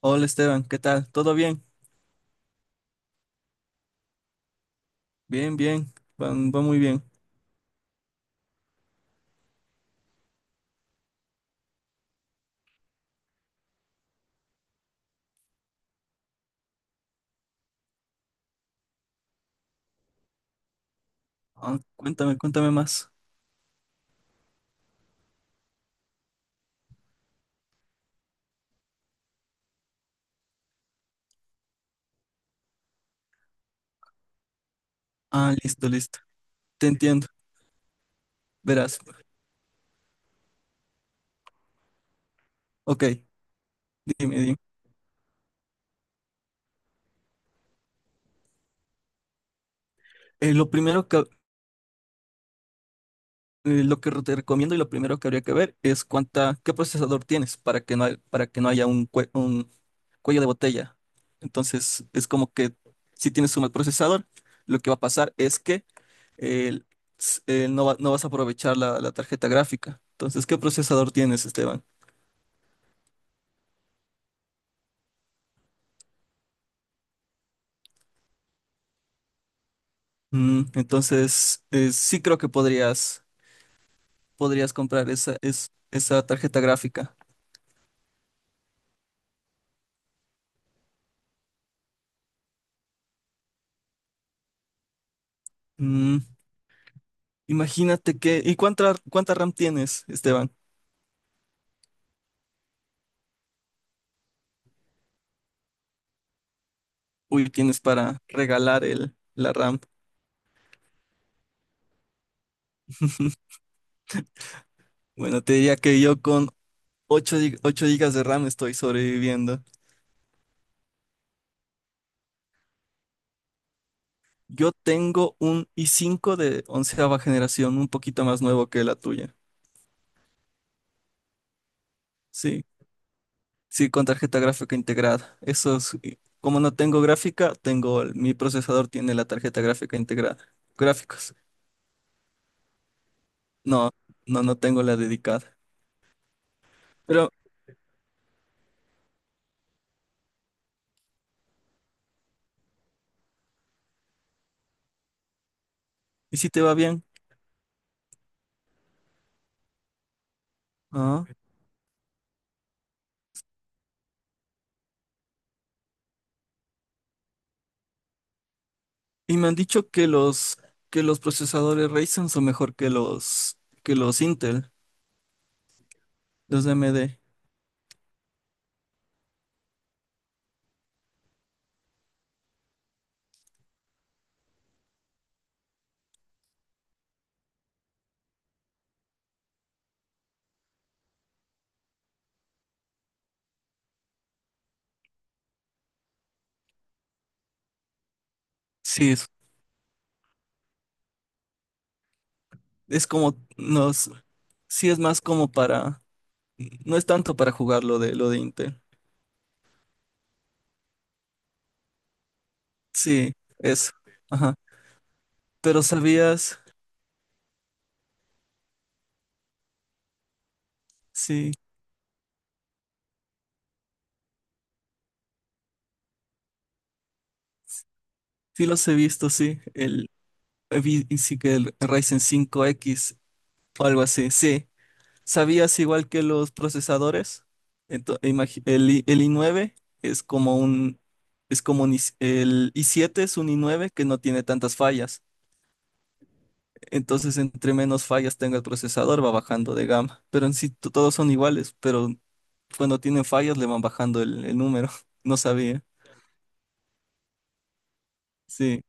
Hola Esteban, ¿qué tal? ¿Todo bien? Bien, bien, va muy bien. Ah, cuéntame, cuéntame más. Ah, listo, listo. Te entiendo. Verás. Ok, dime, dime. Eh, lo primero que, lo que te recomiendo y lo primero que habría que ver es qué procesador tienes para que no haya un cuello de botella. Entonces, es como que si tienes un mal procesador, lo que va a pasar es que eh, no vas a aprovechar la tarjeta gráfica. Entonces, ¿qué procesador tienes, Esteban? Entonces, sí creo que podrías comprar esa tarjeta gráfica. Mm, Imagínate que... ¿Y cuánta RAM tienes, Esteban? Uy, tienes para regalar la RAM. Bueno, te diría que yo con 8 gigas de RAM estoy sobreviviendo. Yo tengo un i5 de onceava generación, un poquito más nuevo que la tuya. Sí, sí, con tarjeta gráfica integrada. Eso es, como no tengo gráfica, mi procesador tiene la tarjeta gráfica integrada. Gráficos. No, no, no tengo la dedicada. Pero, ¿y si te va bien? Ah, y me han dicho que los procesadores Ryzen son mejor que que los Intel, los de AMD. Sí, es como, sí es más como no es tanto para jugar lo de Intel. Sí, eso. Ajá. Pero sabías, sí. Sí los he visto, sí. Vi, sí que el Ryzen 5X o algo así, sí. ¿Sabías igual que los procesadores? El i9 es como un, el i7 es un i9 que no tiene tantas fallas. Entonces, entre menos fallas tenga el procesador, va bajando de gama. Pero en sí todos son iguales, pero cuando tienen fallas le van bajando el número. No sabía. Sí.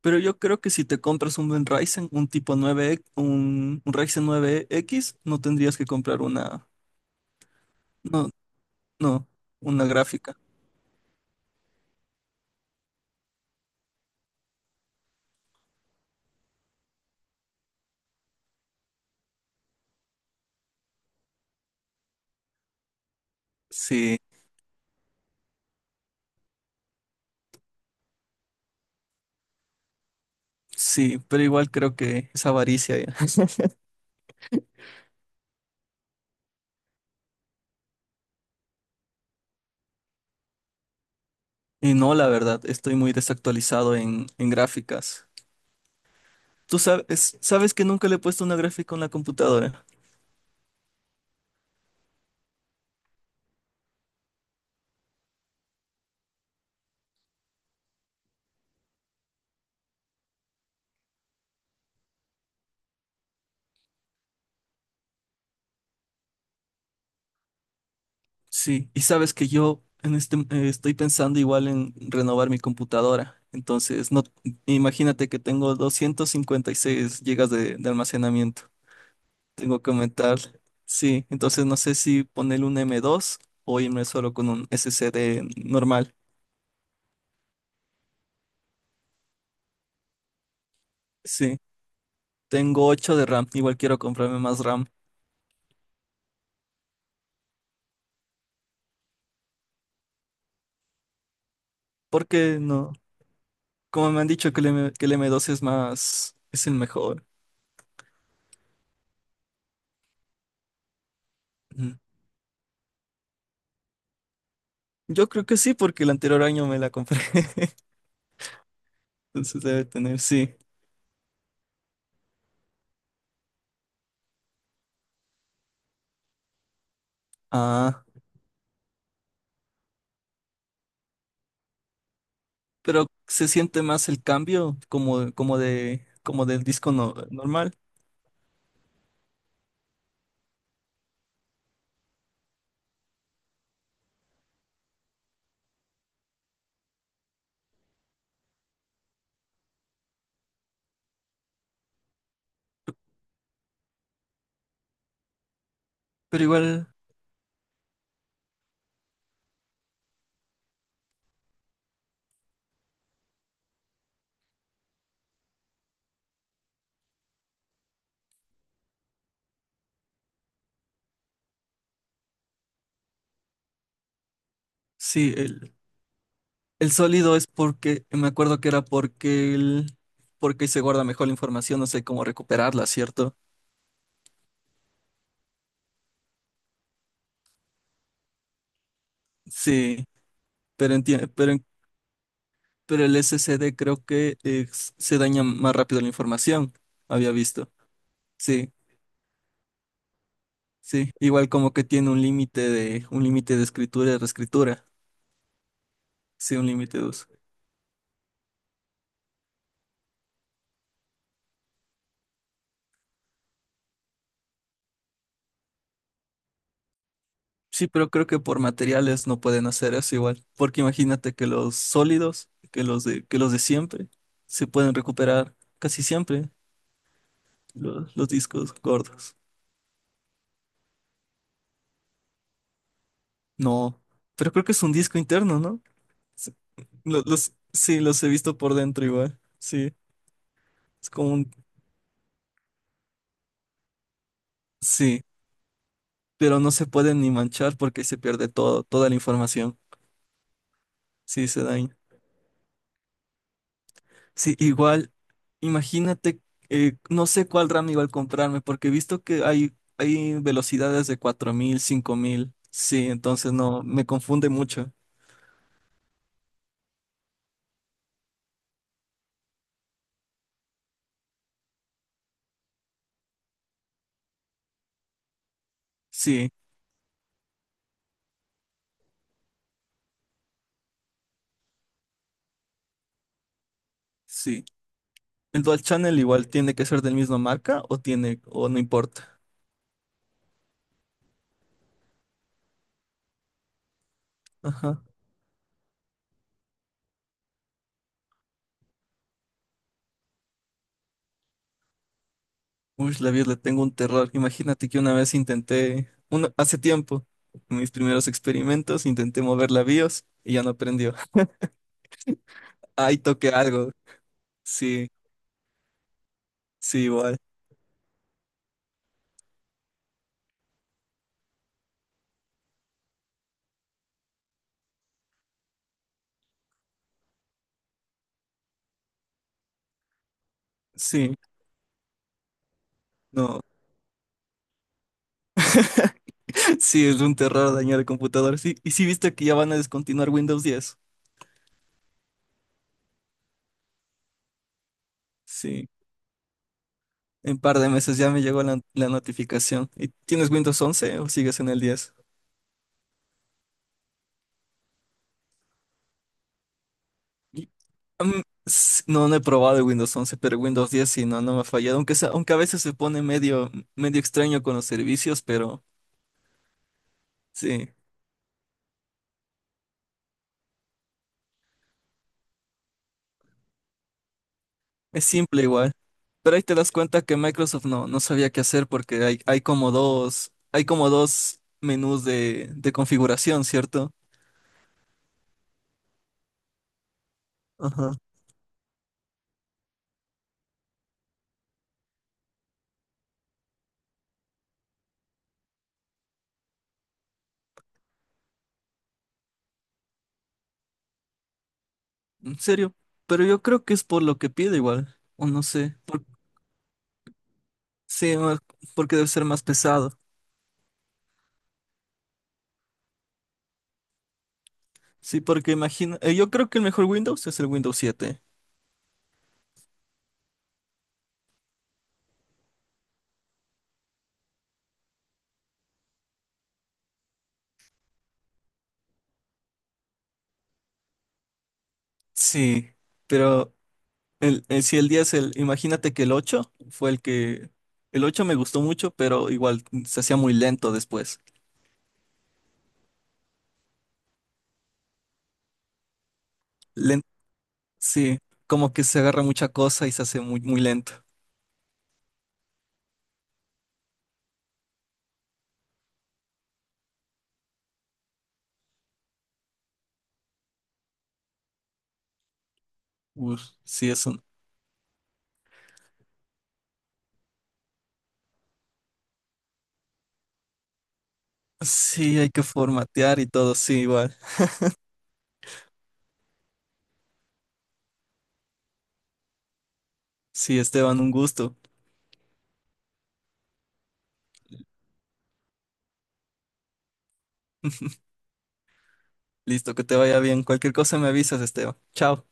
Pero yo creo que si te compras un buen Ryzen, un tipo 9, un Ryzen 9X, no tendrías que comprar una, no, no, una gráfica. Sí, sí, pero igual creo que es avaricia ya. Y no, la verdad, estoy muy desactualizado en, gráficas. ¿Tú sabes que nunca le he puesto una gráfica en la computadora? Sí, y sabes que yo estoy pensando igual en renovar mi computadora. Entonces, no, imagínate que tengo 256 gigas de almacenamiento. Tengo que aumentar. Sí, entonces no sé si ponerle un M2 o irme solo con un SSD normal. Sí, tengo ocho de RAM. Igual quiero comprarme más RAM. Porque no, como me han dicho que que el M2 es el mejor. Ujú. Yo creo que sí, porque el anterior año me la compré. Entonces debe tener, sí. Ah, pero se siente más el cambio como del disco normal. Pero igual, sí, el sólido es porque, me acuerdo que era porque se guarda mejor la información, no sé cómo recuperarla, ¿cierto? Sí, pero pero el SSD creo que se daña más rápido la información, había visto. Sí, sí. Igual como que tiene un límite de escritura y reescritura. Sí, un límite de uso. Sí, pero creo que por materiales no pueden hacer eso igual, porque imagínate que que los de siempre, se pueden recuperar casi siempre los discos gordos. No, pero creo que es un disco interno, ¿no? Sí, sí, los he visto por dentro igual, sí, es como un, sí, pero no se pueden ni manchar porque se pierde toda la información, sí, se daña. Sí, igual, imagínate, no sé cuál RAM igual comprarme, porque he visto que hay velocidades de 4.000 5.000. Sí, entonces no, me confunde mucho. Sí, sí. ¿El Dual Channel igual tiene que ser del mismo marca o o no importa? Ajá. Uy, la vida, le tengo un terror. Imagínate que una vez intenté, hace tiempo, en mis primeros experimentos, intenté mover la BIOS y ya no prendió. Ahí toqué algo. Sí, sí, igual. Sí, no. Sí, es un terror dañar el computador. Sí, y sí viste que ya van a descontinuar Windows 10. Sí, en un par de meses ya me llegó la notificación. ¿Y tienes Windows 11 o sigues en el 10? Y, mm, no, no he probado el Windows 11, pero Windows 10 sí, no, no me ha fallado. Aunque a veces se pone medio, medio extraño con los servicios, pero sí, es simple igual. Pero ahí te das cuenta que Microsoft no, no sabía qué hacer porque hay como dos menús de configuración, ¿cierto? Ajá. En serio. Pero yo creo que es por lo que pide igual, o no sé. Sí, porque debe ser más pesado. Sí, porque imagino, yo creo que el mejor Windows es el Windows 7. Sí, pero el, eh, si el 10, el, imagínate que el 8 fue el que... El 8 me gustó mucho, pero igual se hacía muy lento después. Len- sí, como que se agarra mucha cosa y se hace muy, muy lento. Uf, sí, es un... Sí, hay que formatear y todo, sí, igual. Sí, Esteban, un gusto. Listo, que te vaya bien. Cualquier cosa me avisas, Esteban. Chao.